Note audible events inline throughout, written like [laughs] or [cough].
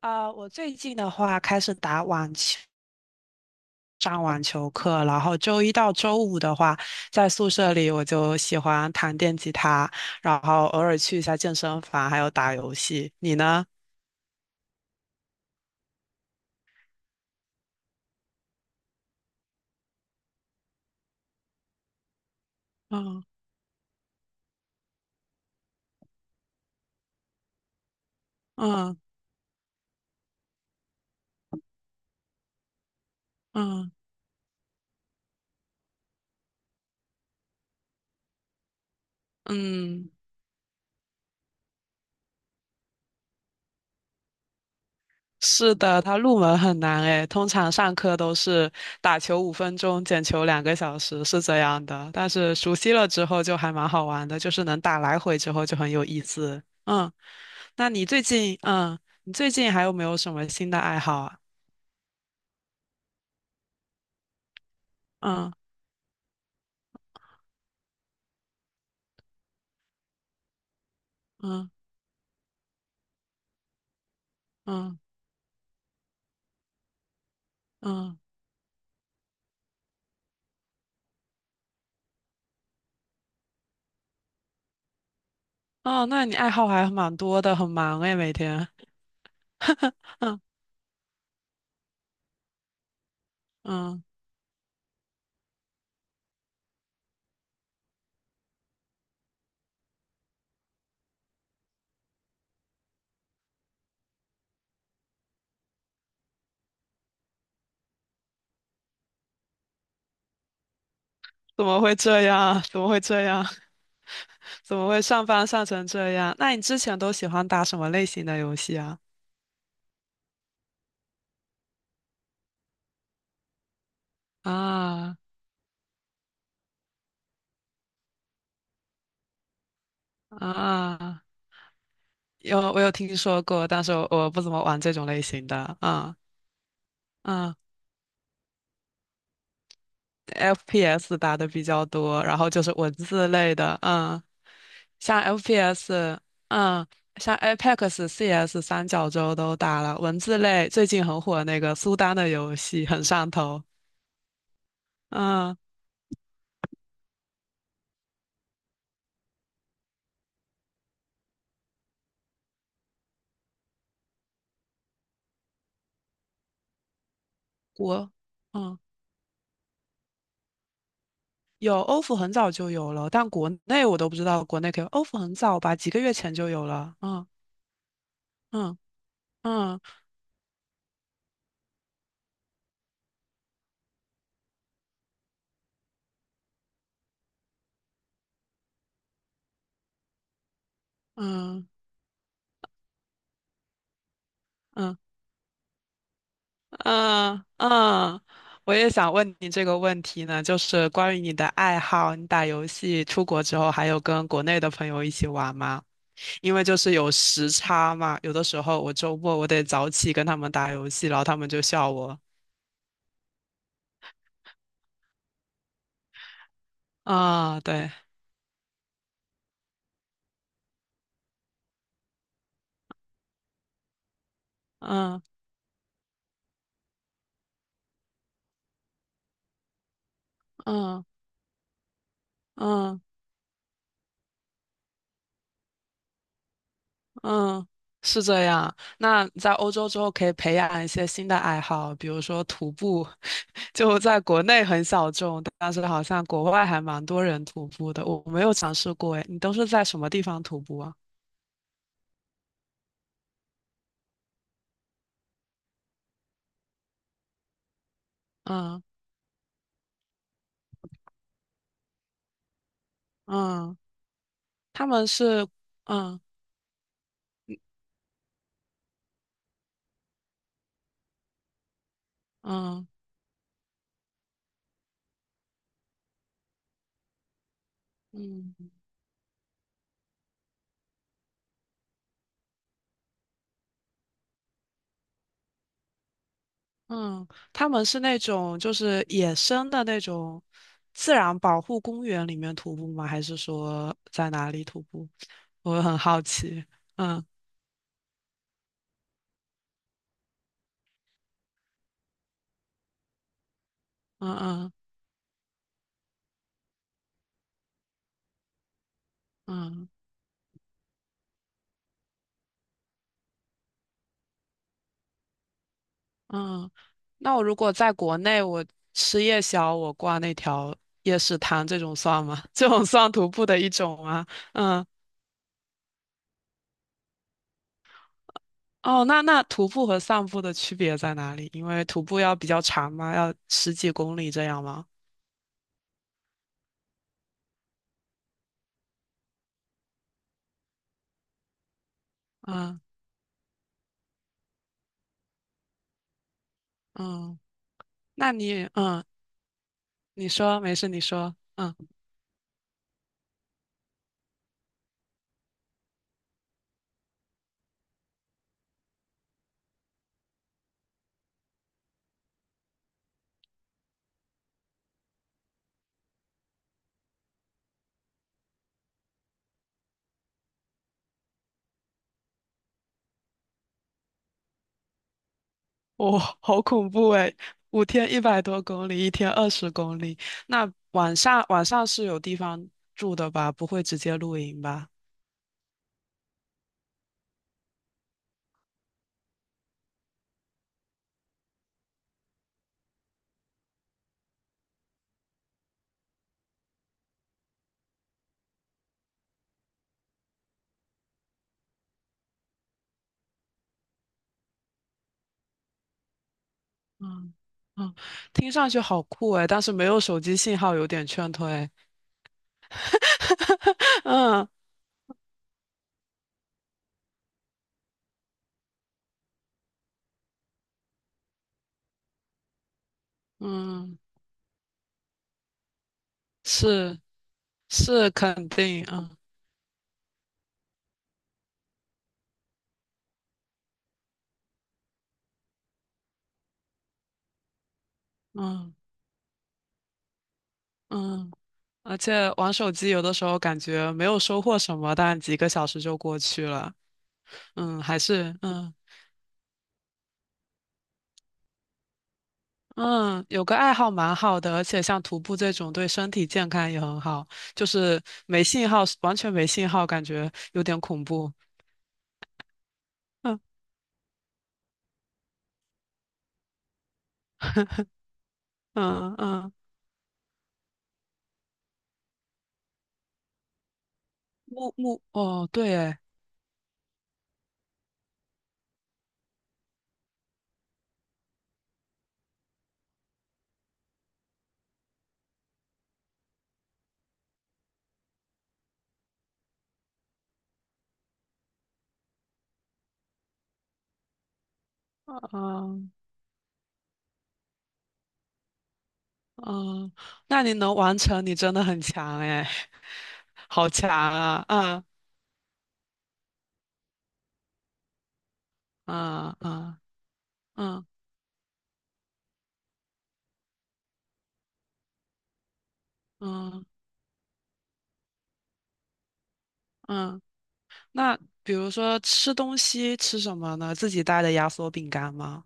啊，我最近的话开始打网球，上网球课，然后周一到周五的话，在宿舍里我就喜欢弹电吉他，然后偶尔去一下健身房，还有打游戏。你呢？嗯。嗯。嗯。嗯。是的，它入门很难诶，通常上课都是打球5分钟，捡球2个小时，是这样的。但是熟悉了之后就还蛮好玩的，就是能打来回之后就很有意思。嗯。那你最近，嗯，你最近还有没有什么新的爱好啊？嗯。嗯。嗯。嗯。嗯。哦，那你爱好还蛮多的，很忙诶，每天。[laughs] 嗯。嗯，怎么会这样？怎么会这样？[laughs] 怎么会上班上成这样？那你之前都喜欢打什么类型的游戏啊？啊。啊，有我有听说过，但是我不怎么玩这种类型的。嗯。嗯，FPS 打的比较多，然后就是文字类的。嗯，像 FPS，嗯，像 Apex、CS 三角洲都打了。文字类最近很火那个苏丹的游戏很上头。嗯。国，嗯，有欧服很早就有了，但国内我都不知道国内可以。欧服很早吧，几个月前就有了。嗯。嗯。嗯。嗯。嗯。嗯。嗯，我也想问你这个问题呢，就是关于你的爱好，你打游戏出国之后还有跟国内的朋友一起玩吗？因为就是有时差嘛，有的时候我周末我得早起跟他们打游戏，然后他们就笑我。啊，对，嗯。嗯。嗯。嗯，是这样。那在欧洲之后可以培养一些新的爱好，比如说徒步，[laughs] 就在国内很小众，但是好像国外还蛮多人徒步的。我没有尝试过，诶，你都是在什么地方徒步啊？嗯。嗯，他们是嗯。嗯。嗯。嗯，他们是那种就是野生的那种自然保护公园里面徒步吗？还是说在哪里徒步？我很好奇。嗯。嗯。嗯。嗯。嗯。那我如果在国内，我吃夜宵，我逛那条夜市摊，这种算吗？[laughs] 这种算徒步的一种吗？嗯。哦，那徒步和散步的区别在哪里？因为徒步要比较长嘛，要十几公里这样吗？嗯。嗯，那你嗯。你说，没事，你说。嗯，好恐怖诶，5天100多公里，一天20公里。那晚上是有地方住的吧？不会直接露营吧？嗯。嗯，听上去好酷诶，但是没有手机信号有点劝退。[laughs] 嗯。嗯，是是肯定，嗯。嗯。嗯，而且玩手机有的时候感觉没有收获什么，但几个小时就过去了。嗯，还是嗯。嗯，有个爱好蛮好的，而且像徒步这种对身体健康也很好，就是没信号，完全没信号，感觉有点恐怖。嗯 [laughs] 嗯。嗯，木木哦，对诶，嗯。嗯，那你能完成，你真的很强诶，[laughs] 好强啊！嗯。嗯。嗯。嗯。嗯。嗯，那比如说吃东西吃什么呢？自己带的压缩饼干吗？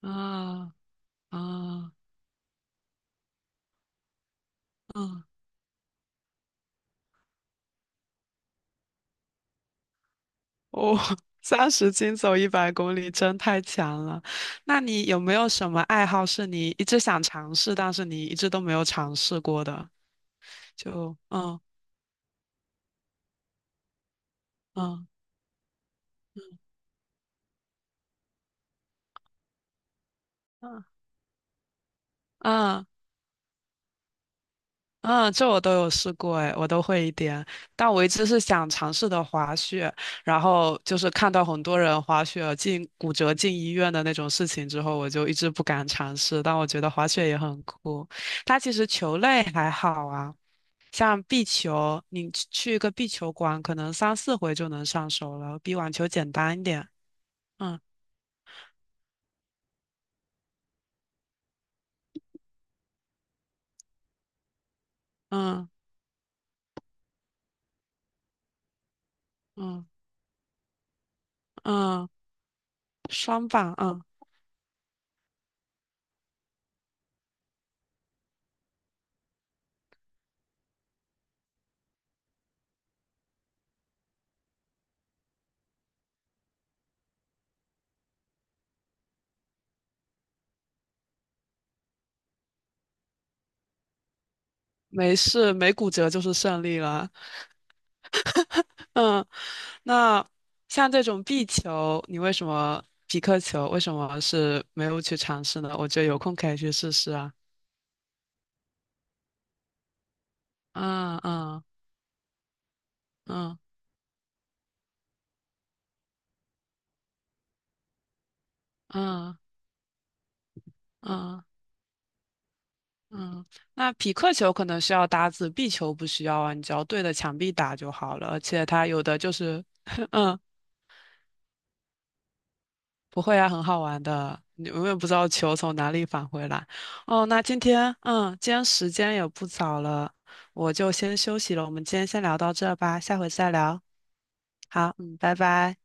啊。啊。嗯。[laughs] 哦，30斤走100公里真太强了。那你有没有什么爱好是你一直想尝试，但是你一直都没有尝试过的？嗯。嗯。嗯。嗯。嗯，这我都有试过，哎，我都会一点。但我一直是想尝试的滑雪，然后就是看到很多人滑雪进骨折进医院的那种事情之后，我就一直不敢尝试。但我觉得滑雪也很酷，它其实球类还好啊，像壁球，你去一个壁球馆，可能三四回就能上手了，比网球简单一点。嗯。嗯。嗯。嗯，双棒，嗯，没事，没骨折就是胜利了。[laughs] 嗯。那像这种壁球，你为什么匹克球为什么是没有去尝试呢？我觉得有空可以去试试啊。嗯。嗯。嗯。嗯。嗯。嗯。那匹克球可能需要搭子，壁球不需要啊，你只要对着墙壁打就好了。而且它有的就是，[laughs] 嗯，不会啊，很好玩的。你永远不知道球从哪里返回来。哦，那今天，嗯，今天时间也不早了，我就先休息了。我们今天先聊到这吧，下回再聊。好，嗯，拜拜。